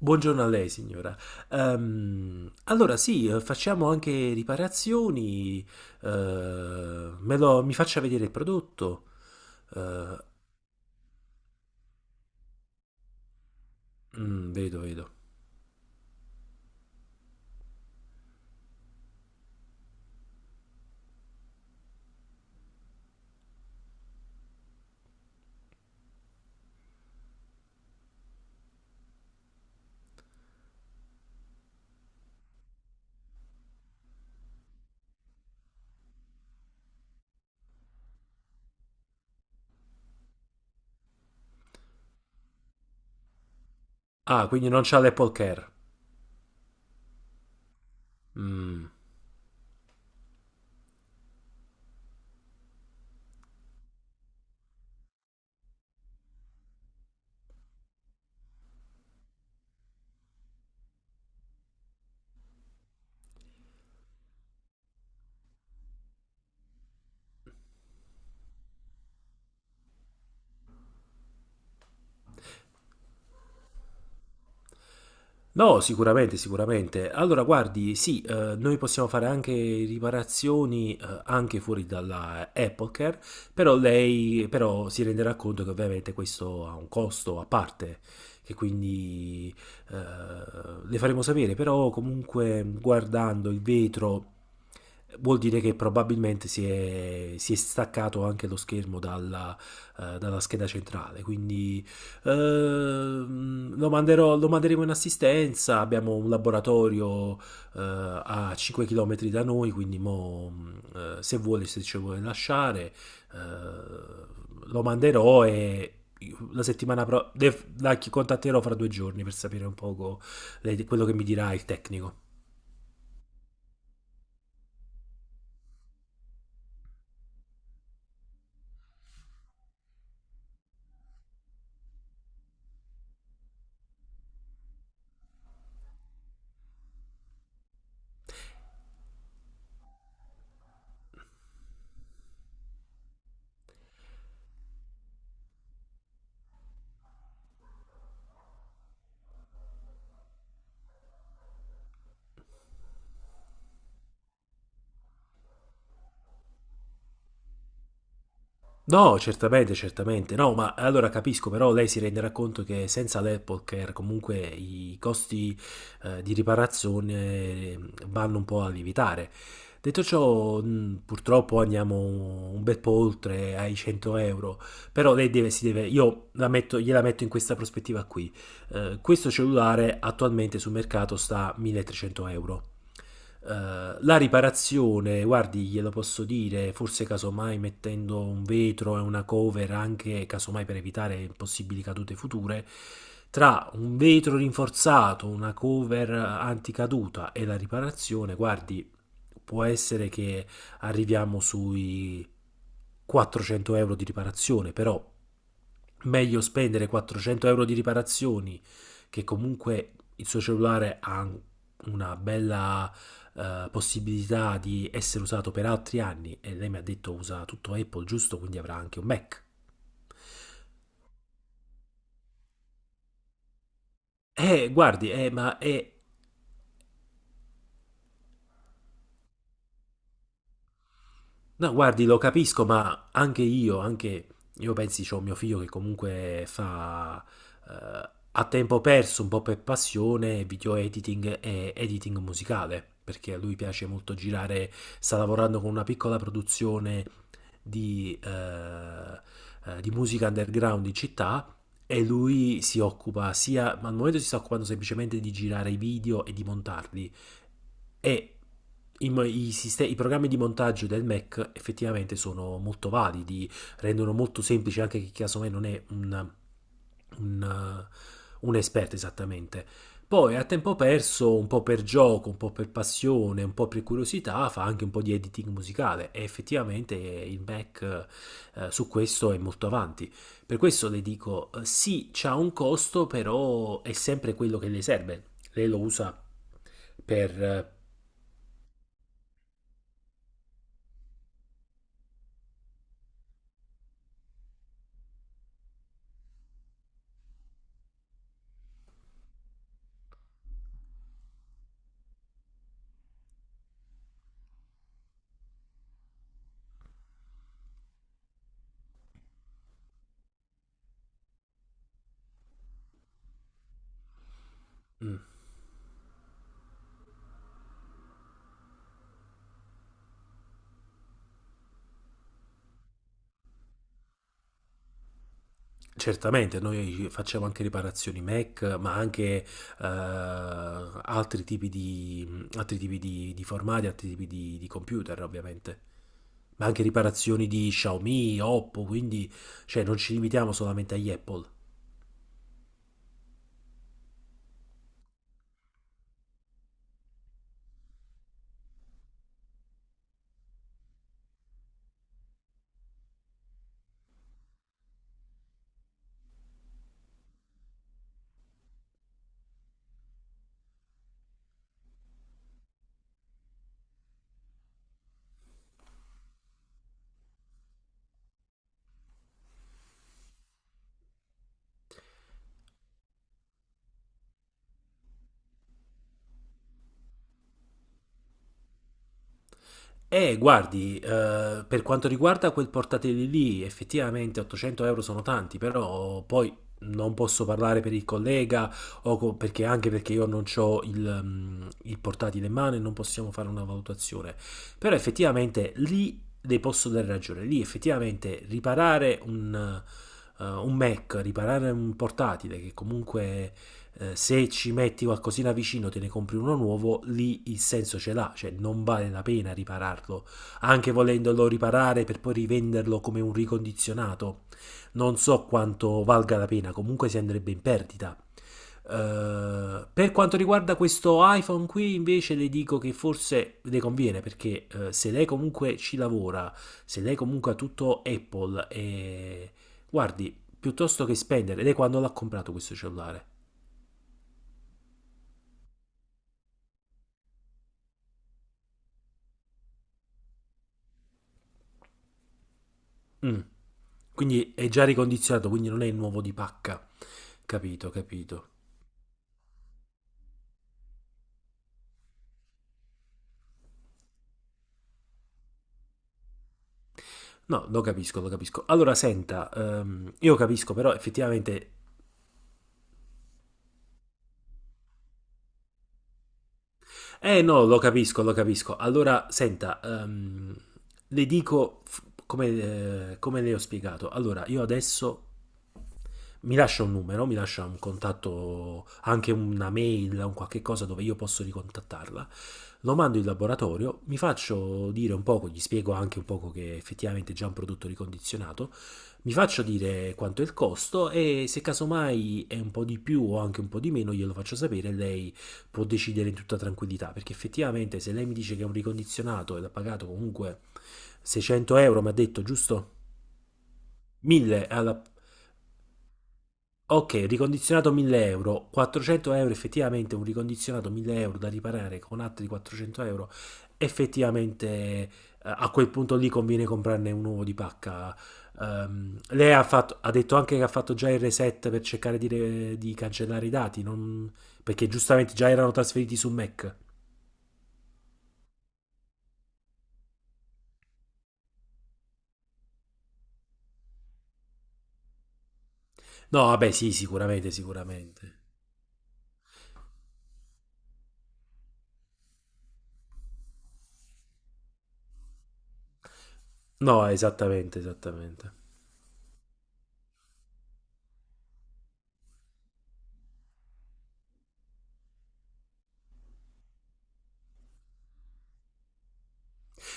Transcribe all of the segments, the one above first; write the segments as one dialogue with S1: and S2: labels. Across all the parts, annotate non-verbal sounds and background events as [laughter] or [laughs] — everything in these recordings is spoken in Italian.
S1: Buongiorno a lei, signora. Allora, sì, facciamo anche riparazioni. Mi faccia vedere il prodotto. Eh, Vedo, vedo. Ah, quindi non c'ha l'Apple Care. Mm. No, sicuramente, sicuramente. Allora, guardi, sì, noi possiamo fare anche riparazioni anche fuori dalla Apple Care, però lei però si renderà conto che ovviamente questo ha un costo a parte, che quindi eh, le faremo sapere, però comunque guardando il vetro vuol dire che probabilmente si è staccato anche lo schermo dalla, dalla scheda centrale, quindi lo manderemo in assistenza. Abbiamo un laboratorio a 5 km da noi, quindi se vuole, se ci vuole lasciare, eh, lo manderò e la settimana prossima contatterò fra 2 giorni per sapere un poco quello che mi dirà il tecnico. No, certamente, certamente. No, ma allora capisco, però lei si renderà conto che senza l'Apple Care comunque i costi di riparazione vanno un po' a lievitare. Detto ciò, purtroppo andiamo un bel po' oltre ai 100 euro, però si deve, gliela metto in questa prospettiva qui. Questo cellulare attualmente sul mercato sta a 1300 euro. La riparazione, guardi, glielo posso dire, forse casomai mettendo un vetro e una cover anche, casomai per evitare possibili cadute future, tra un vetro rinforzato, una cover anticaduta e la riparazione, guardi, può essere che arriviamo sui 400 euro di riparazione, però meglio spendere 400 euro di riparazioni, che comunque il suo cellulare ha una bella possibilità di essere usato per altri anni, e lei mi ha detto usa tutto Apple, giusto, quindi avrà anche un Mac. Guardi, ma è No, guardi, lo capisco, ma anche io pensi, c'ho mio figlio che comunque fa a tempo perso, un po' per passione, video editing e editing musicale, perché a lui piace molto girare, sta lavorando con una piccola produzione di, eh, di musica underground in città e lui si occupa sia, ma al momento si sta occupando semplicemente di girare i video e di montarli e i, mo- i siste- i programmi di montaggio del Mac effettivamente sono molto validi, rendono molto semplice anche chi casomai non è un, un esperto esattamente. Poi a tempo perso, un po' per gioco, un po' per passione, un po' per curiosità, fa anche un po' di editing musicale e effettivamente il Mac su questo è molto avanti. Per questo le dico, sì, c'ha un costo, però è sempre quello che le serve. Lei lo usa per... mm, Certamente, noi facciamo anche riparazioni Mac, ma anche altri tipi di formati, altri tipi di computer, ovviamente. Ma anche riparazioni di Xiaomi, Oppo, quindi non ci limitiamo solamente agli Apple. Per quanto riguarda quel portatile lì, effettivamente 800 euro sono tanti, però poi non posso parlare per il collega, anche perché io non ho il portatile in mano e non possiamo fare una valutazione. Però effettivamente lì le posso dare ragione, lì effettivamente riparare un Mac, riparare un portatile che comunque se ci metti qualcosina vicino, te ne compri uno nuovo, lì il senso ce l'ha, cioè non vale la pena ripararlo, anche volendolo riparare per poi rivenderlo come un ricondizionato. Non so quanto valga la pena, comunque si andrebbe in perdita. Per quanto riguarda questo iPhone qui invece le dico che forse le conviene perché se lei comunque ci lavora, se lei comunque ha tutto Apple e guardi, piuttosto che spendere, lei quando l'ha comprato questo cellulare? Mm. Quindi è già ricondizionato, quindi non è il nuovo di pacca. Capito, capito. No, lo capisco, lo capisco. Allora, senta, io capisco, però effettivamente Eh no, Lo capisco, lo capisco. Allora, senta, le dico f- come, come le ho spiegato. Allora, io adesso mi lascia un numero, mi lascia un contatto, anche una mail, un qualche cosa dove io posso ricontattarla. Lo mando in laboratorio, mi faccio dire un poco, gli spiego anche un poco che effettivamente è già un prodotto ricondizionato, mi faccio dire quanto è il costo e se casomai è un po' di più o anche un po' di meno glielo faccio sapere, lei può decidere in tutta tranquillità, perché effettivamente se lei mi dice che è un ricondizionato ed ha pagato comunque 600 euro, mi ha detto, giusto? 1000, alla... Ok, ricondizionato 1000 euro, 400 euro effettivamente un ricondizionato 1000 euro da riparare con altri 400 euro, effettivamente a quel punto lì conviene comprarne un uovo di pacca. Lei ha detto anche che ha fatto già il reset per cercare di cancellare i dati, perché giustamente già erano trasferiti su Mac. No, vabbè, sì, sicuramente, sicuramente. No, esattamente, esattamente.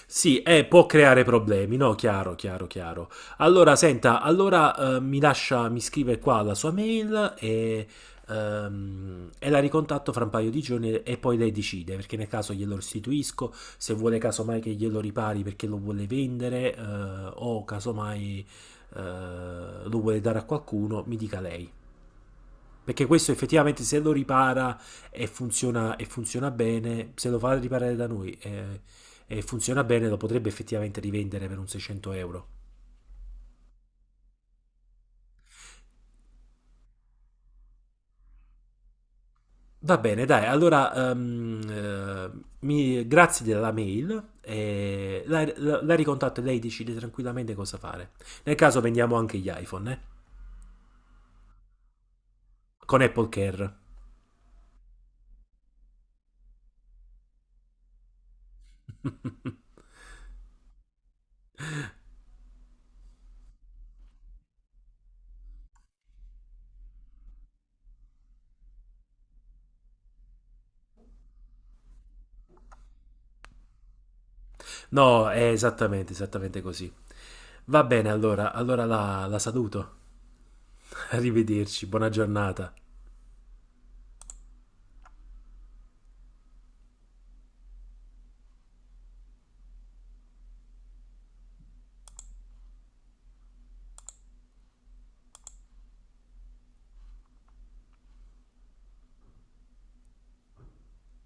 S1: Sì, può creare problemi, no? Chiaro, chiaro, chiaro. Allora, senta, allora mi scrive qua la sua mail e la ricontatto fra un paio di giorni e poi lei decide, perché nel caso glielo restituisco, se vuole casomai che glielo ripari perché lo vuole vendere o casomai eh, lo vuole dare a qualcuno, mi dica lei. Perché questo effettivamente se lo ripara e funziona bene, se lo fa riparare da e funziona bene, lo potrebbe effettivamente rivendere per un 600 euro. Va bene, dai, allora grazie della mail, la ricontatto e lei decide tranquillamente cosa fare. Nel caso vendiamo anche gli iPhone, eh? Con Apple Care. [laughs] No, è esattamente, esattamente così. Va bene, allora, la saluto. [laughs] Arrivederci, buona giornata.